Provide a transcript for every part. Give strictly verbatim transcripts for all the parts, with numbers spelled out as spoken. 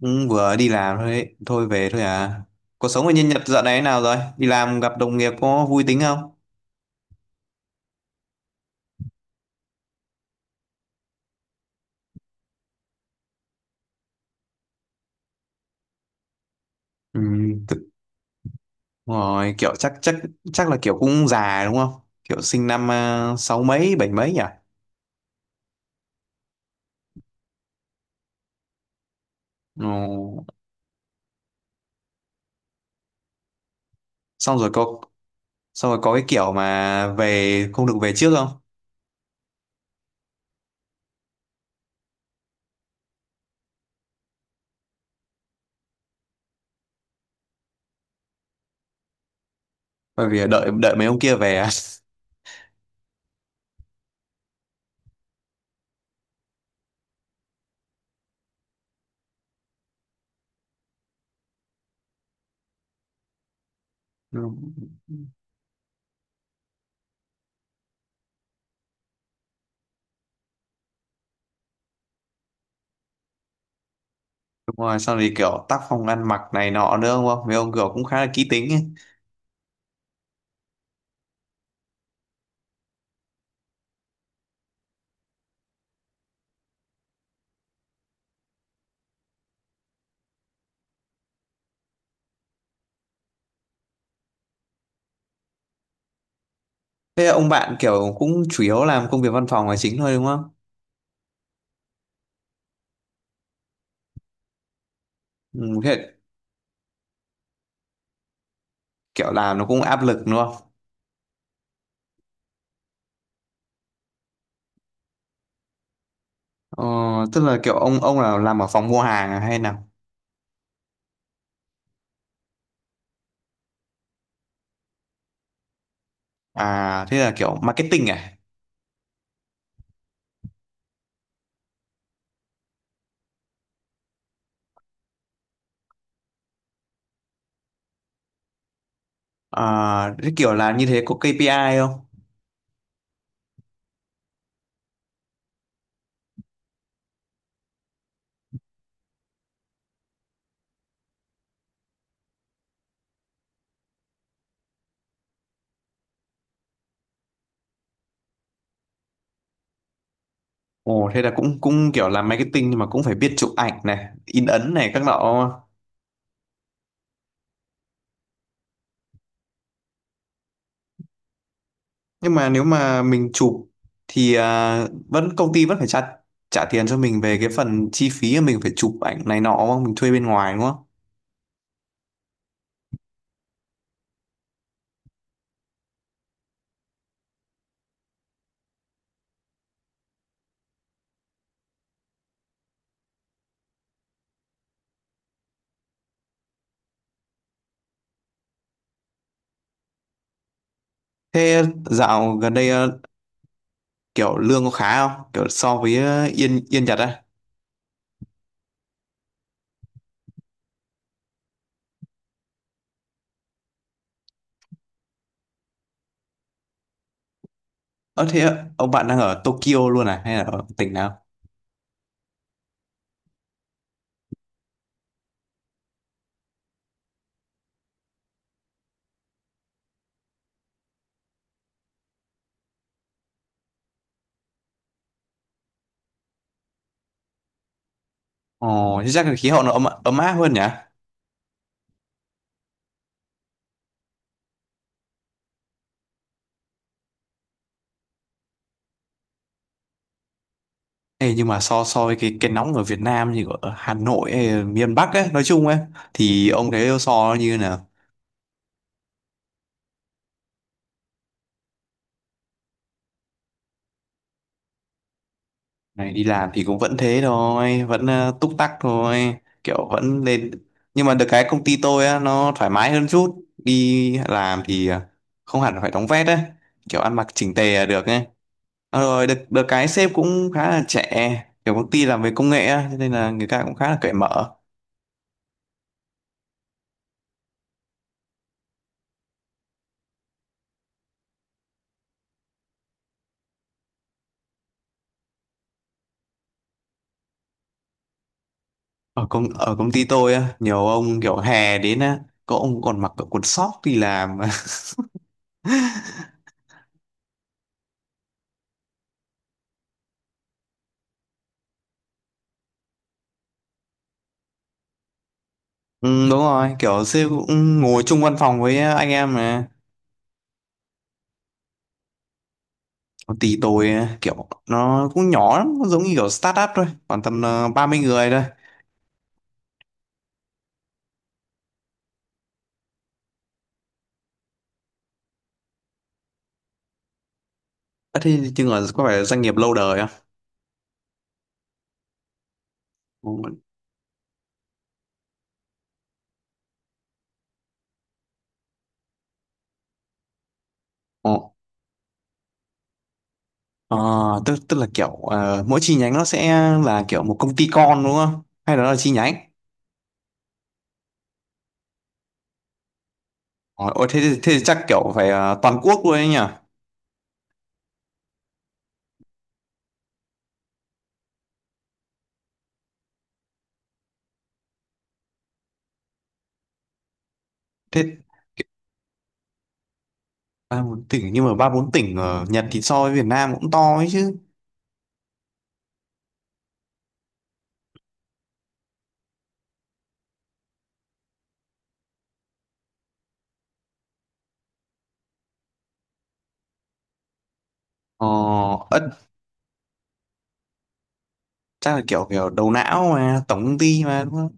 Ừ, vừa đi làm thôi ấy. Thôi về thôi à. Cuộc sống ở nhân Nhật dạo này thế nào rồi? Đi làm gặp đồng nghiệp có vui tính không? Ừ, thực- rồi kiểu chắc chắc chắc là kiểu cũng già đúng không? Kiểu sinh năm à, sáu mấy bảy mấy nhỉ? Ừ. Xong rồi có xong rồi có cái kiểu mà về không được về trước không? Bởi vì đợi đợi mấy ông kia về à? Ừ. Đúng rồi, xong thì kiểu tác phong ăn mặc này nọ nữa đúng không? Mấy ông kiểu cũng khá là kỹ tính ấy. Thế là ông bạn kiểu cũng chủ yếu làm công việc văn phòng là chính thôi đúng không? Ừ, thế kiểu làm nó cũng áp lực đúng không? Ờ, tức là kiểu ông ông là làm ở phòng mua hàng à hay nào? À thế là kiểu marketing à? À thế kiểu làm như thế có ca pê i không? Ồ thế là cũng cũng kiểu làm marketing nhưng mà cũng phải biết chụp ảnh này, in ấn này các nọ. Nhưng mà nếu mà mình chụp thì à, vẫn công ty vẫn phải trả trả tiền cho mình về cái phần chi phí mà mình phải chụp ảnh này nọ đúng không? Mình thuê bên ngoài đúng không? Thế dạo gần đây ờ, kiểu lương có khá không? Kiểu so với ờ, Yên Yên Nhật á? Ơ thế ạ, ông bạn đang ở Tokyo luôn à hay là ở tỉnh nào? Ồ, thế chắc là khí hậu nó ấm ấm áp hơn nhỉ? Ê, nhưng mà so so với cái cái nóng ở Việt Nam thì ở Hà Nội hay miền Bắc ấy, nói chung ấy thì ông thấy so nó như nào? Này đi làm thì cũng vẫn thế thôi, vẫn ờ, túc tắc thôi, kiểu vẫn lên nhưng mà được cái công ty tôi á nó thoải mái hơn chút, đi làm thì ờ, không hẳn phải đóng vét ấy, kiểu ăn mặc chỉnh tề là được ấy. Ờ, rồi được, được cái sếp cũng khá là trẻ, kiểu công ty làm về công nghệ á cho nên là người ta cũng khá là cởi mở. Ở công ở công ty tôi á nhiều ông kiểu hè đến á có ông còn mặc cả quần sóc đi làm. Ừ, đúng rồi, kiểu sếp cũng ngồi chung văn phòng với anh em mà. Công ty tôi á, kiểu nó cũng nhỏ lắm, nó giống như kiểu startup thôi, khoảng tầm ờ, ba mươi người thôi. Ờ, thế chừng là có phải là doanh nghiệp lâu đời không? Ồ, ờ, tức tức là kiểu ờ, mỗi chi nhánh nó sẽ là kiểu một công ty con đúng không? Hay đó là chi nhánh? Ờ, ôi, thế, thì- thế thì chắc kiểu phải ờ, toàn quốc luôn ấy nhỉ? Thế ba bốn tỉnh, nhưng mà ba bốn tỉnh ở Nhật thì so với Việt Nam cũng to ấy chứ. Ờ, ất, chắc là kiểu kiểu đầu não mà tổng công ty mà đúng không?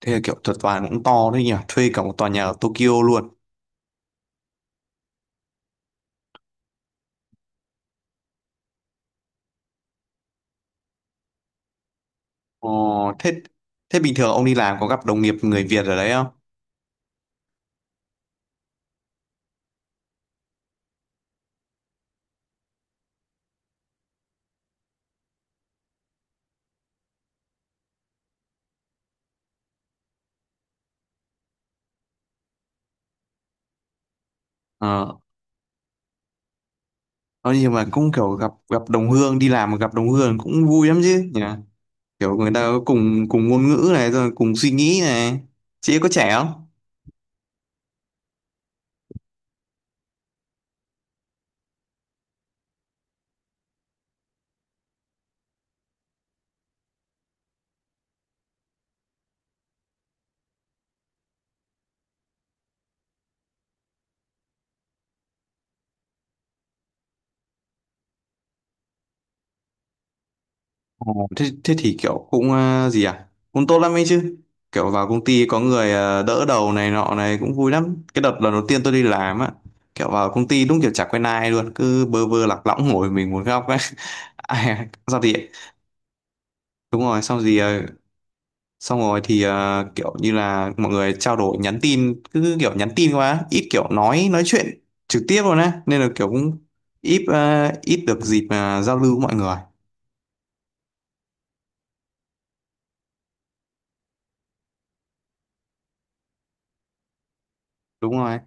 Thế là kiểu thuật toàn cũng to đấy nhỉ? Thuê cả một tòa nhà ở Tokyo luôn. Ờ, thế thế bình thường ông đi làm có gặp đồng nghiệp người Việt ở đấy không? Ờ, nói nhưng mà cũng kiểu gặp gặp đồng hương, đi làm mà gặp đồng hương cũng vui lắm chứ nhỉ? Kiểu người ta có cùng cùng ngôn ngữ này, rồi cùng suy nghĩ này. Chị ấy có trẻ không? Ồ, thế thế thì kiểu cũng ờ, gì à, cũng tốt lắm ấy chứ. Kiểu vào công ty có người ờ, đỡ đầu này nọ này cũng vui lắm. Cái đợt lần đầu tiên tôi đi làm á, kiểu vào công ty đúng kiểu chả quen ai luôn, cứ bơ vơ lạc lõng ngồi mình một góc ấy. Ai- sao thì đúng rồi, xong gì ờ, xong rồi thì ờ, kiểu như là mọi người trao đổi nhắn tin, cứ kiểu nhắn tin quá ít, kiểu nói nói chuyện trực tiếp luôn á nên là kiểu cũng ít ờ, ít được dịp mà giao lưu với mọi người. Đúng rồi,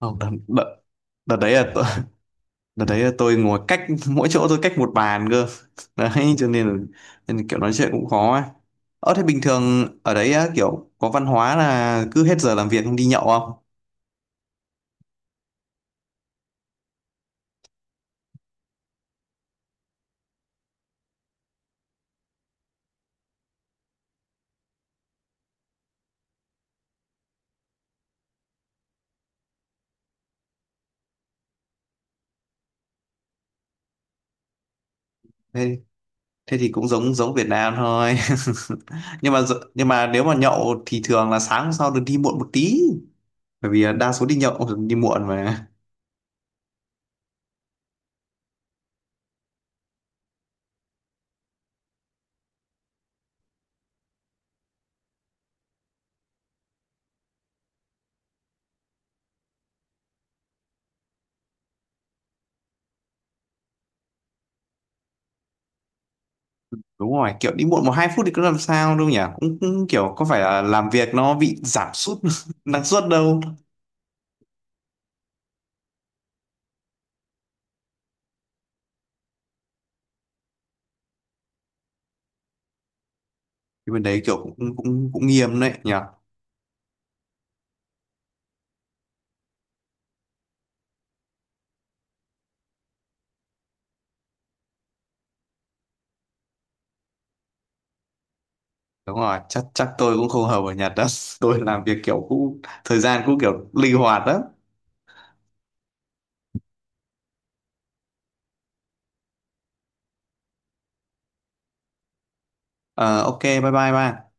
không, đợt, đợt, đợt đấy là tôi- đợt đấy là tôi ngồi cách, mỗi chỗ tôi cách một bàn cơ. Đấy cho nên là, nên là kiểu nói chuyện cũng khó á. Ờ thế bình thường ở đấy á, kiểu có văn hóa là cứ hết giờ làm việc không, đi nhậu không? Thế thế thì cũng giống giống Việt Nam thôi. Nhưng mà dự- nhưng mà nếu mà nhậu thì thường là sáng hôm sau được đi muộn một tí, bởi vì là đa số đi nhậu đi muộn mà. Đúng rồi, kiểu đi muộn một hai phút thì cũng làm sao đâu nhỉ, cũng, cũng kiểu có phải là làm việc nó bị giảm sút năng suất đâu. Thì bên đấy kiểu cũng cũng cũng nghiêm đấy nhỉ. Đúng rồi, chắc chắc tôi cũng không hợp ở Nhật đó. Tôi làm việc kiểu cũng thời gian cũng kiểu linh hoạt đó. Ờ, ok bye bye ba.